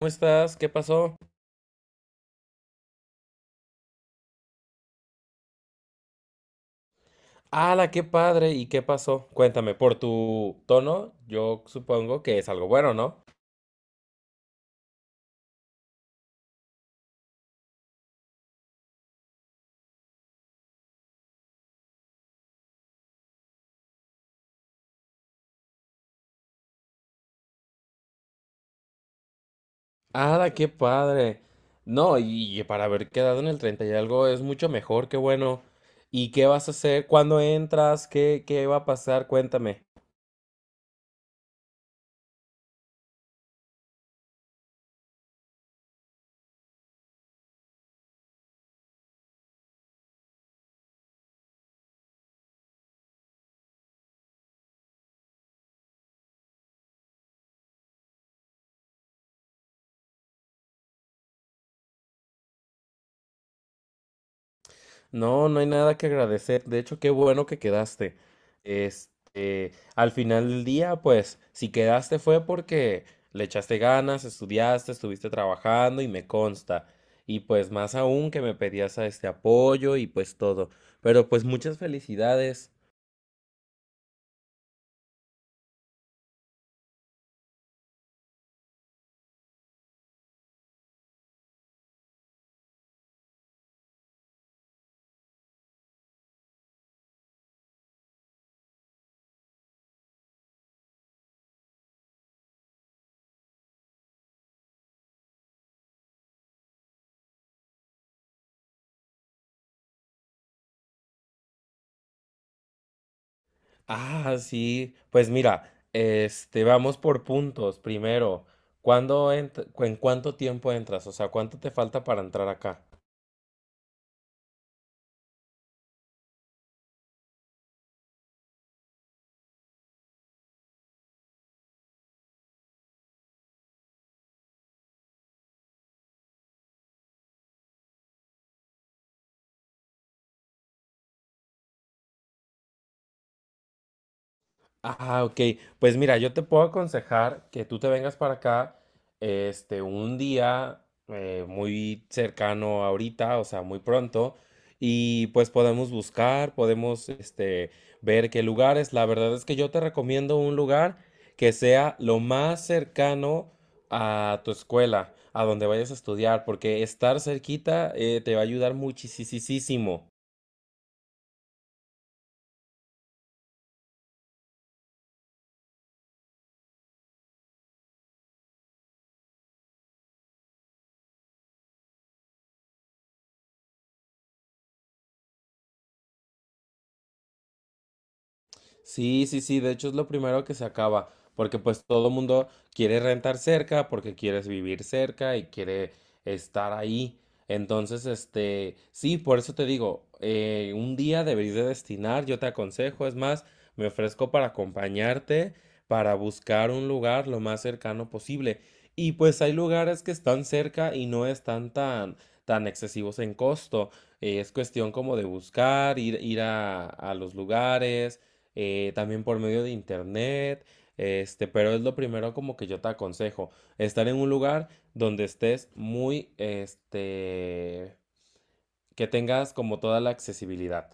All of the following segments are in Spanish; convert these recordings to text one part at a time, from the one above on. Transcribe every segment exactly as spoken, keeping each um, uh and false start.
¿Cómo estás? ¿Qué pasó? ¡Hala, qué padre! ¿Y qué pasó? Cuéntame, por tu tono, yo supongo que es algo bueno, ¿no? ¡Hala, qué padre! No, y y para haber quedado en el treinta y algo es mucho mejor, qué bueno. ¿Y qué vas a hacer? ¿Cuándo entras? ¿Qué, qué va a pasar? Cuéntame. No, no hay nada que agradecer. De hecho, qué bueno que quedaste. Este, al final del día, pues, si quedaste fue porque le echaste ganas, estudiaste, estuviste trabajando y me consta. Y pues más aún que me pedías a este apoyo y pues todo. Pero pues muchas felicidades. Ah, sí. Pues mira, este, vamos por puntos. Primero, ¿cuándo ent- cu- ¿en cuánto tiempo entras? O sea, ¿cuánto te falta para entrar acá? Ah, ok. Pues mira, yo te puedo aconsejar que tú te vengas para acá, este, un día eh, muy cercano ahorita, o sea, muy pronto, y pues podemos buscar, podemos, este, ver qué lugares. La verdad es que yo te recomiendo un lugar que sea lo más cercano a tu escuela, a donde vayas a estudiar, porque estar cerquita eh, te va a ayudar muchísimo. Sí, sí, sí, de hecho es lo primero que se acaba, porque pues todo mundo quiere rentar cerca, porque quieres vivir cerca y quiere estar ahí. Entonces, este, sí, por eso te digo, eh, un día deberías de destinar, yo te aconsejo, es más, me ofrezco para acompañarte, para buscar un lugar lo más cercano posible. Y pues hay lugares que están cerca y no están tan, tan excesivos en costo. Eh, es cuestión como de buscar, ir, ir a a los lugares eh, también por medio de internet, este, pero es lo primero como que yo te aconsejo, estar en un lugar donde estés muy, este, que tengas como toda la accesibilidad.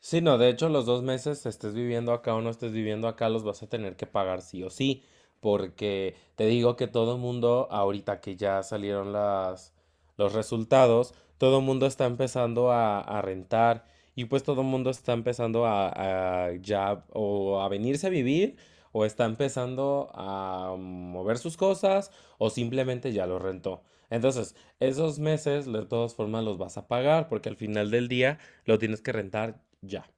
Sí, no, de hecho los dos meses estés viviendo acá o no estés viviendo acá los vas a tener que pagar sí o sí, porque te digo que todo el mundo, ahorita que ya salieron las, los resultados, todo el mundo está empezando a, a rentar y pues todo el mundo está empezando a, a ya o a venirse a vivir o está empezando a mover sus cosas o simplemente ya lo rentó. Entonces, esos meses de todas formas los vas a pagar porque al final del día lo tienes que rentar ya.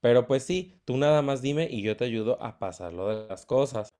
Pero pues sí, tú nada más dime y yo te ayudo a pasar lo de las cosas.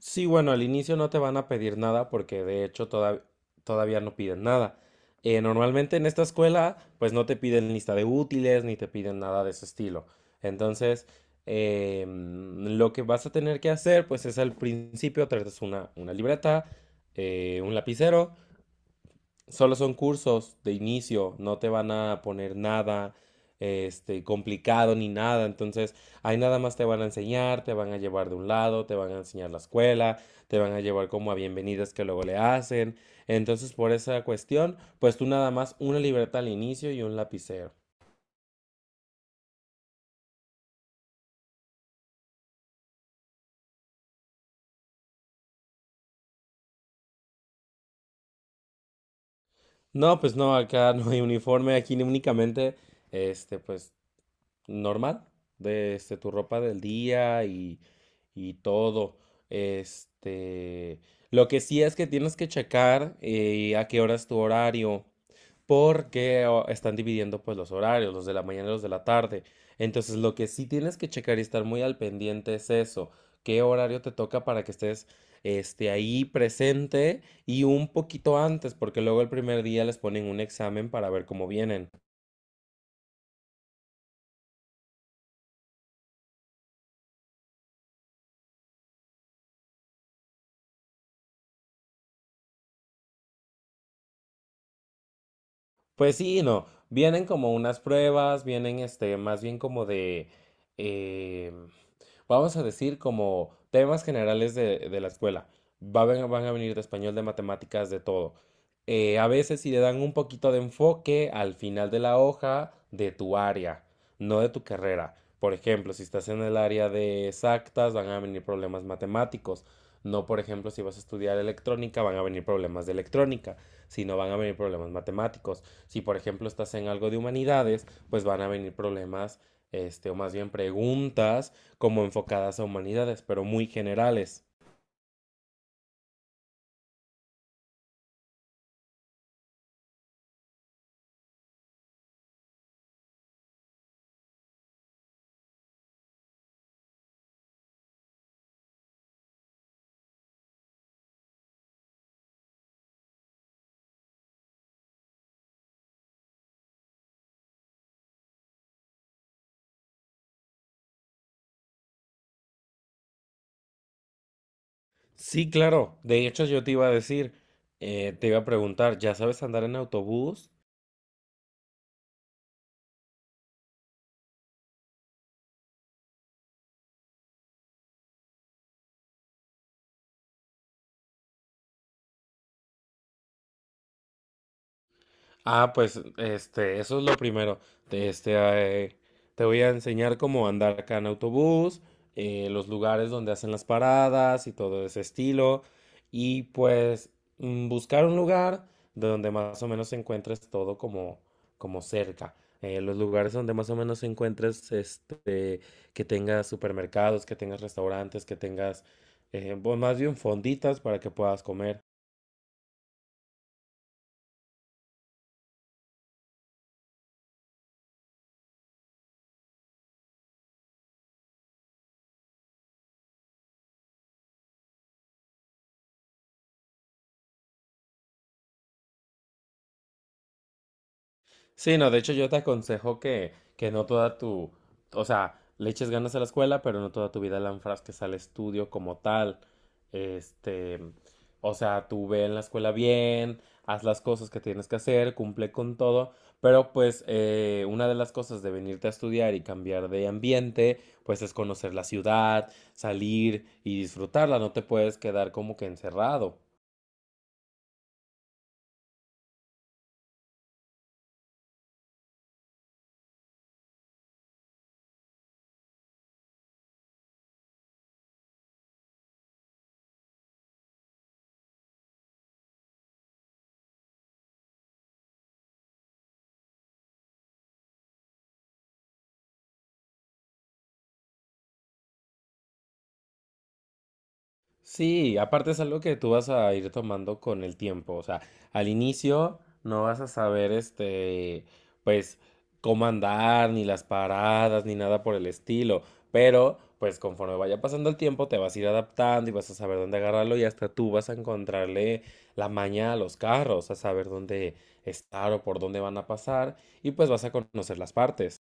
Sí, bueno, al inicio no te van a pedir nada porque de hecho todav- todavía no piden nada. Eh, normalmente en esta escuela pues no te piden lista de útiles ni te piden nada de ese estilo. Entonces, eh, mm, lo que vas a tener que hacer pues es al principio traes una, una libreta, eh, un lapicero. Solo son cursos de inicio, no te van a poner nada este complicado ni nada, entonces ahí nada más te van a enseñar, te van a llevar de un lado, te van a enseñar la escuela, te van a llevar como a bienvenidas que luego le hacen. Entonces, por esa cuestión, pues tú nada más una libreta al inicio y un lapicero. No, pues no, acá no hay uniforme, aquí únicamente este pues normal, de este, tu ropa del día y, y todo. Este, lo que sí es que tienes que checar eh, a qué hora es tu horario, porque o- están dividiendo pues los horarios, los de la mañana y los de la tarde. Entonces, lo que sí tienes que checar y estar muy al pendiente es eso, qué horario te toca para que estés este, ahí presente y un poquito antes, porque luego el primer día les ponen un examen para ver cómo vienen. Pues sí, y no. Vienen como unas pruebas, vienen este, más bien como de, eh, vamos a decir, como temas generales de, de la escuela. Va a ven- van a venir de español, de matemáticas, de todo. Eh, a veces sí le dan un poquito de enfoque al final de la hoja de tu área, no de tu carrera. Por ejemplo, si estás en el área de exactas, van a venir problemas matemáticos. No, por ejemplo, si vas a estudiar electrónica, van a venir problemas de electrónica, sino van a venir problemas matemáticos. Si, por ejemplo, estás en algo de humanidades, pues van a venir problemas, este, o más bien preguntas como enfocadas a humanidades, pero muy generales. Sí, claro. De hecho, yo te iba a decir, eh, te iba a preguntar, ¿ya sabes andar en autobús? Ah, pues este, eso es lo primero. Te- Este, eh, te voy a enseñar cómo andar acá en autobús, eh, los lugares donde hacen las paradas y todo ese estilo. Y pues mm, buscar un lugar de donde más o menos encuentres todo como, como cerca. Eh, los lugares donde más o menos encuentres este, que tengas supermercados, que tengas restaurantes, que tengas, eh, bu- más bien fonditas para que puedas comer. Sí, no, de hecho yo te aconsejo que, que no toda tu, o sea, le eches ganas a la escuela, pero no toda tu vida la enfrasques al estudio como tal. Este, o sea, tú ve en la escuela bien, haz las cosas que tienes que hacer, cumple con todo, pero pues eh, una de las cosas de venirte a estudiar y cambiar de ambiente, pues es conocer la ciudad, salir y disfrutarla, no te puedes quedar como que encerrado. Sí, aparte es algo que tú vas a ir tomando con el tiempo. O sea, al inicio no vas a saber, este, pues, cómo andar, ni las paradas, ni nada por el estilo. Pero, pues, conforme vaya pasando el tiempo, te vas a ir adaptando y vas a saber dónde agarrarlo y hasta tú vas a encontrarle la maña a los carros, a saber dónde estar o por dónde van a pasar y pues vas a conocer las partes.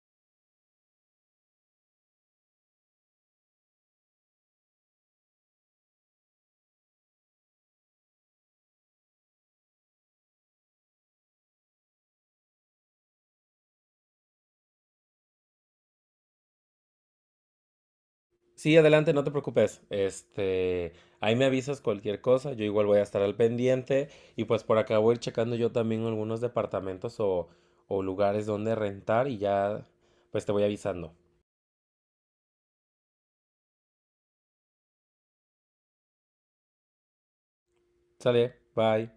Sí, adelante, no te preocupes. Este, ahí me avisas cualquier cosa, yo igual voy a estar al pendiente y pues por acá voy a ir checando yo también algunos departamentos o, o lugares donde rentar y ya pues te voy avisando. Sale, bye.